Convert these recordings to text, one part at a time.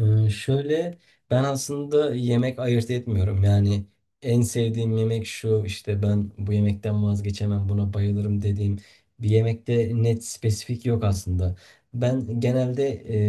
Şöyle, ben aslında yemek ayırt etmiyorum. Yani en sevdiğim yemek şu işte ben bu yemekten vazgeçemem buna bayılırım dediğim bir yemekte net spesifik yok aslında. Ben genelde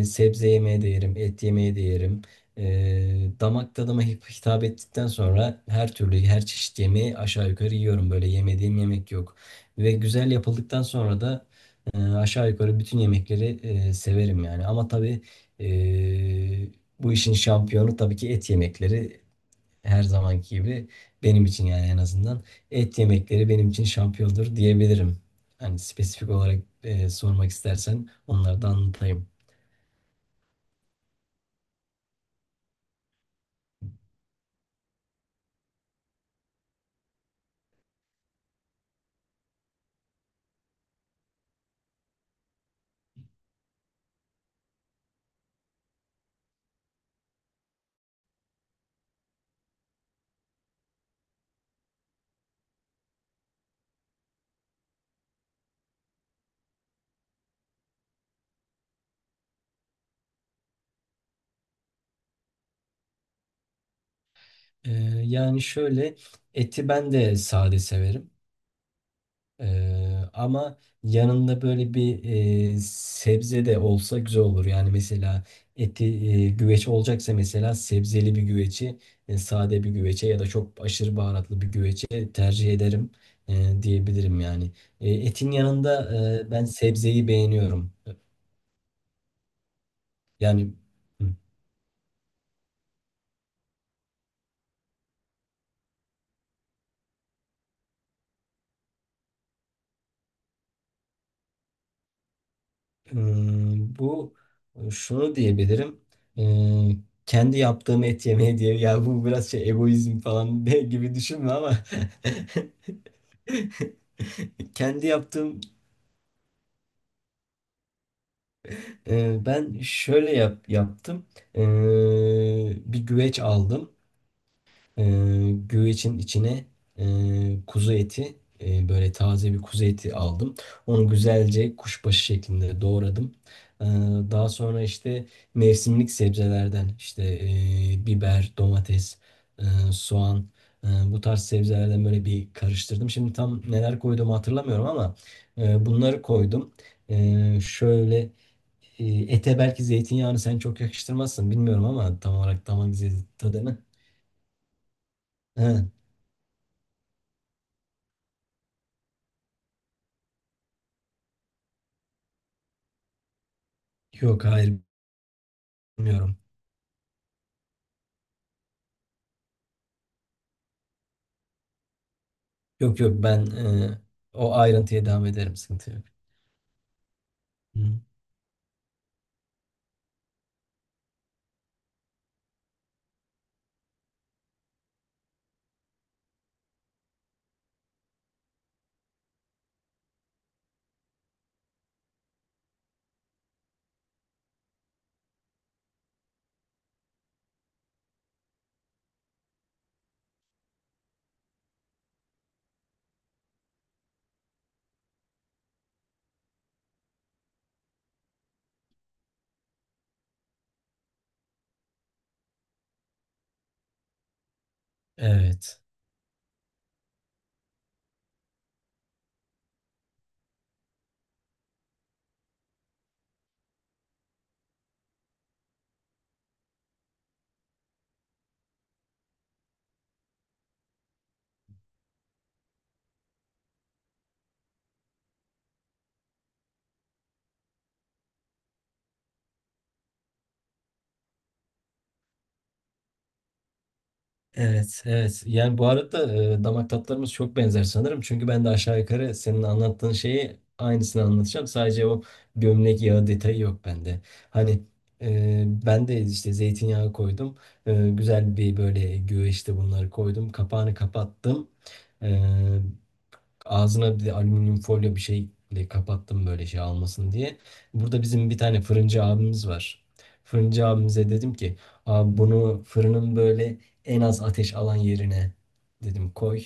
sebze yemeği de yerim, et yemeği de yerim. Damak tadıma hitap ettikten sonra her türlü her çeşit yemeği aşağı yukarı yiyorum. Böyle yemediğim yemek yok. Ve güzel yapıldıktan sonra da aşağı yukarı bütün yemekleri severim yani. Ama tabii ee, bu işin şampiyonu tabii ki et yemekleri her zamanki gibi benim için, yani en azından et yemekleri benim için şampiyondur diyebilirim. Hani spesifik olarak sormak istersen onları da anlatayım. Ee, yani şöyle, eti ben de sade severim. Ama yanında böyle bir sebze de olsa güzel olur. Yani mesela eti güveç olacaksa mesela sebzeli bir güveci, sade bir güvece ya da çok aşırı baharatlı bir güvece tercih ederim diyebilirim yani. Etin yanında ben sebzeyi beğeniyorum. Yani hı. Hmm, bu şunu diyebilirim. Ee, Kendi yaptığım et yemeği diye, ya bu biraz şey egoizm falan gibi düşünme ama kendi yaptığım, ben şöyle yaptım. Ee, Bir güveç aldım. Güvecin içine kuzu eti, böyle taze bir kuzu eti aldım. Onu güzelce kuşbaşı şeklinde doğradım. Ee, Daha sonra işte mevsimlik sebzelerden işte biber, domates, e, soğan, bu tarz sebzelerden böyle bir karıştırdım. Şimdi tam neler koyduğumu hatırlamıyorum ama bunları koydum. Şöyle, ete belki zeytinyağını sen çok yakıştırmazsın bilmiyorum ama tam olarak tam hangi zeytin tadını. Yok hayır bilmiyorum. Yok yok, ben o ayrıntıya devam ederim, sıkıntı yok. Hı. Evet. Evet, evet. Yani bu arada damak tatlarımız çok benzer sanırım. Çünkü ben de aşağı yukarı senin anlattığın şeyi aynısını anlatacağım. Sadece o gömlek yağı detayı yok bende. Hani ben de işte zeytinyağı koydum. Güzel bir böyle güveçte bunları koydum. Kapağını kapattım. E, Ağzına bir de alüminyum folyo bir şeyle kapattım, böyle şey almasın diye. Burada bizim bir tane fırıncı abimiz var. Fırıncı abimize dedim ki, abi bunu fırının böyle en az ateş alan yerine, dedim, koy.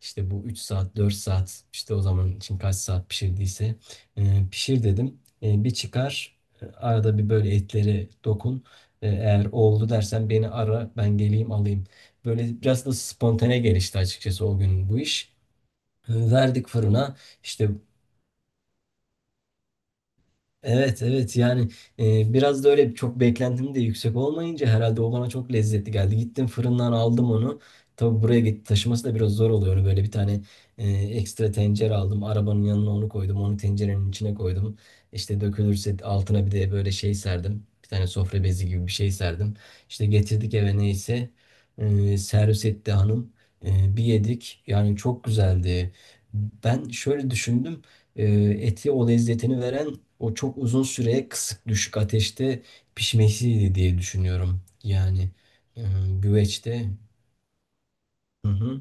İşte bu 3 saat 4 saat, işte o zaman için kaç saat pişirdiyse pişir dedim. Bir çıkar, arada bir böyle etleri dokun. Eğer oldu dersen beni ara, ben geleyim alayım. Böyle biraz da spontane gelişti açıkçası o gün bu iş. Verdik fırına işte. Evet evet, yani biraz da öyle çok beklentim de yüksek olmayınca herhalde o bana çok lezzetli geldi. Gittim fırından aldım onu. Tabii buraya git taşıması da biraz zor oluyor. Böyle bir tane ekstra tencere aldım. Arabanın yanına onu koydum. Onu tencerenin içine koydum. İşte dökülürse altına bir de böyle şey serdim. Bir tane sofra bezi gibi bir şey serdim. İşte getirdik eve neyse. Servis etti hanım. Bir yedik. Yani çok güzeldi. Ben şöyle düşündüm. Eti o lezzetini veren o çok uzun süre kısık düşük ateşte pişmesiydi diye düşünüyorum. Yani e, güveçte. Hı hı.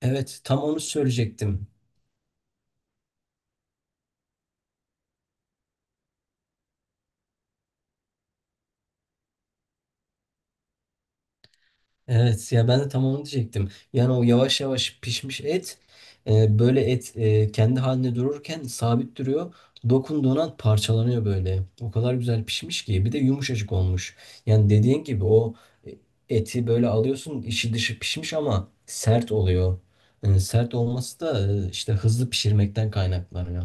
Evet, tam onu söyleyecektim. Evet ya, ben de tam onu diyecektim. Yani o yavaş yavaş pişmiş et, böyle et, kendi haline dururken sabit duruyor. Dokunduğun an parçalanıyor böyle. O kadar güzel pişmiş ki, bir de yumuşacık olmuş. Yani dediğin gibi o eti böyle alıyorsun, içi dışı pişmiş ama sert oluyor. Sert olması da işte hızlı pişirmekten kaynaklanıyor.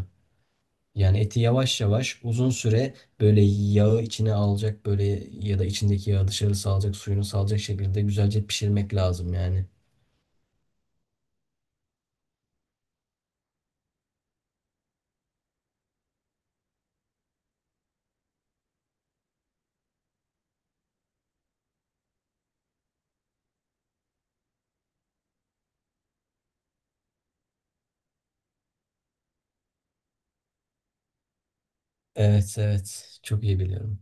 Yani eti yavaş yavaş uzun süre böyle yağı içine alacak böyle, ya da içindeki yağı dışarı salacak, suyunu salacak şekilde güzelce pişirmek lazım yani. Evet evet, çok iyi biliyorum.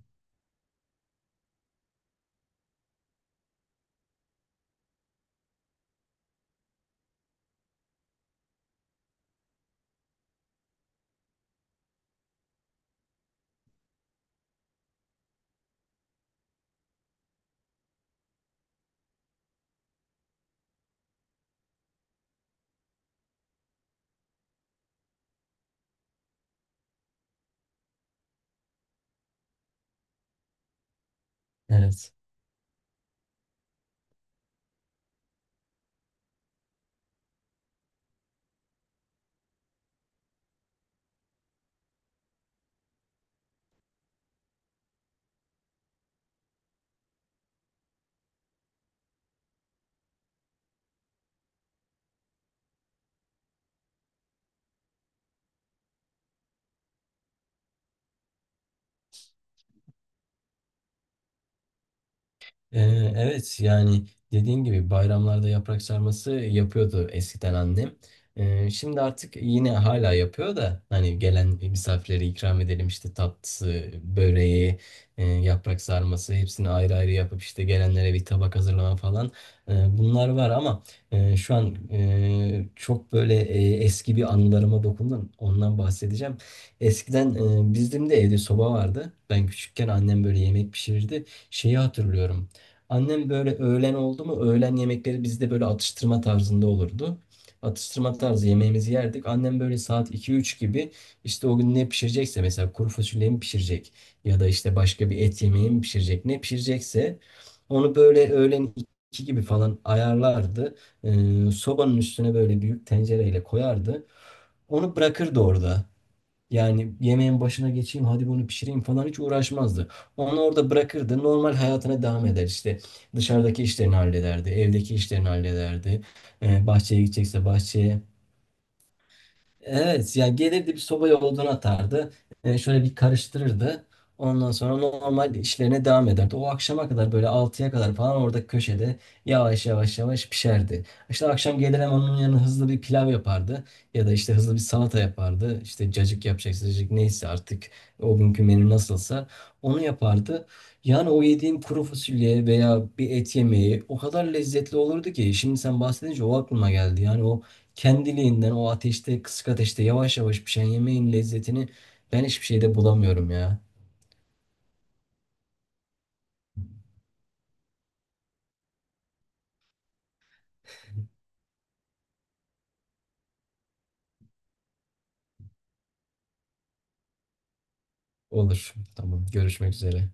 Evet. Ee, Evet yani, dediğin gibi bayramlarda yaprak sarması yapıyordu eskiden annem. Şimdi artık yine hala yapıyor da hani gelen misafirlere ikram edelim işte, tatlısı, böreği, yaprak sarması, hepsini ayrı ayrı yapıp işte gelenlere bir tabak hazırlama falan. Bunlar var ama şu an çok böyle eski bir anılarıma dokundun, ondan bahsedeceğim. Eskiden bizim de evde soba vardı. Ben küçükken annem böyle yemek pişirirdi, şeyi hatırlıyorum. Annem böyle öğlen oldu mu, öğlen yemekleri bizde böyle atıştırma tarzında olurdu. Atıştırma tarzı yemeğimizi yerdik. Annem böyle saat iki üç gibi işte, o gün ne pişirecekse, mesela kuru fasulye mi pişirecek ya da işte başka bir et yemeği mi pişirecek, ne pişirecekse onu böyle öğlen 2 gibi falan ayarlardı. Sobanın üstüne böyle büyük tencereyle koyardı. Onu bırakırdı orada. Yani yemeğin başına geçeyim hadi bunu pişireyim falan, hiç uğraşmazdı. Onu orada bırakırdı, normal hayatına devam eder, işte dışarıdaki işlerini hallederdi, evdeki işlerini hallederdi. Bahçeye gidecekse bahçeye. Evet yani, gelirdi bir sobaya odun atardı. Şöyle bir karıştırırdı. Ondan sonra normal işlerine devam ederdi. O akşama kadar böyle altıya kadar falan orada köşede yavaş yavaş pişerdi. İşte akşam gelir, hemen onun yanına hızlı bir pilav yapardı. Ya da işte hızlı bir salata yapardı. İşte cacık yapacaksa cacık, neyse artık o günkü menü nasılsa onu yapardı. Yani o yediğim kuru fasulye veya bir et yemeği o kadar lezzetli olurdu ki, şimdi sen bahsedince o aklıma geldi. Yani o kendiliğinden o ateşte, kısık ateşte yavaş yavaş pişen yemeğin lezzetini ben hiçbir şeyde bulamıyorum ya. Olur. Tamam. Görüşmek üzere.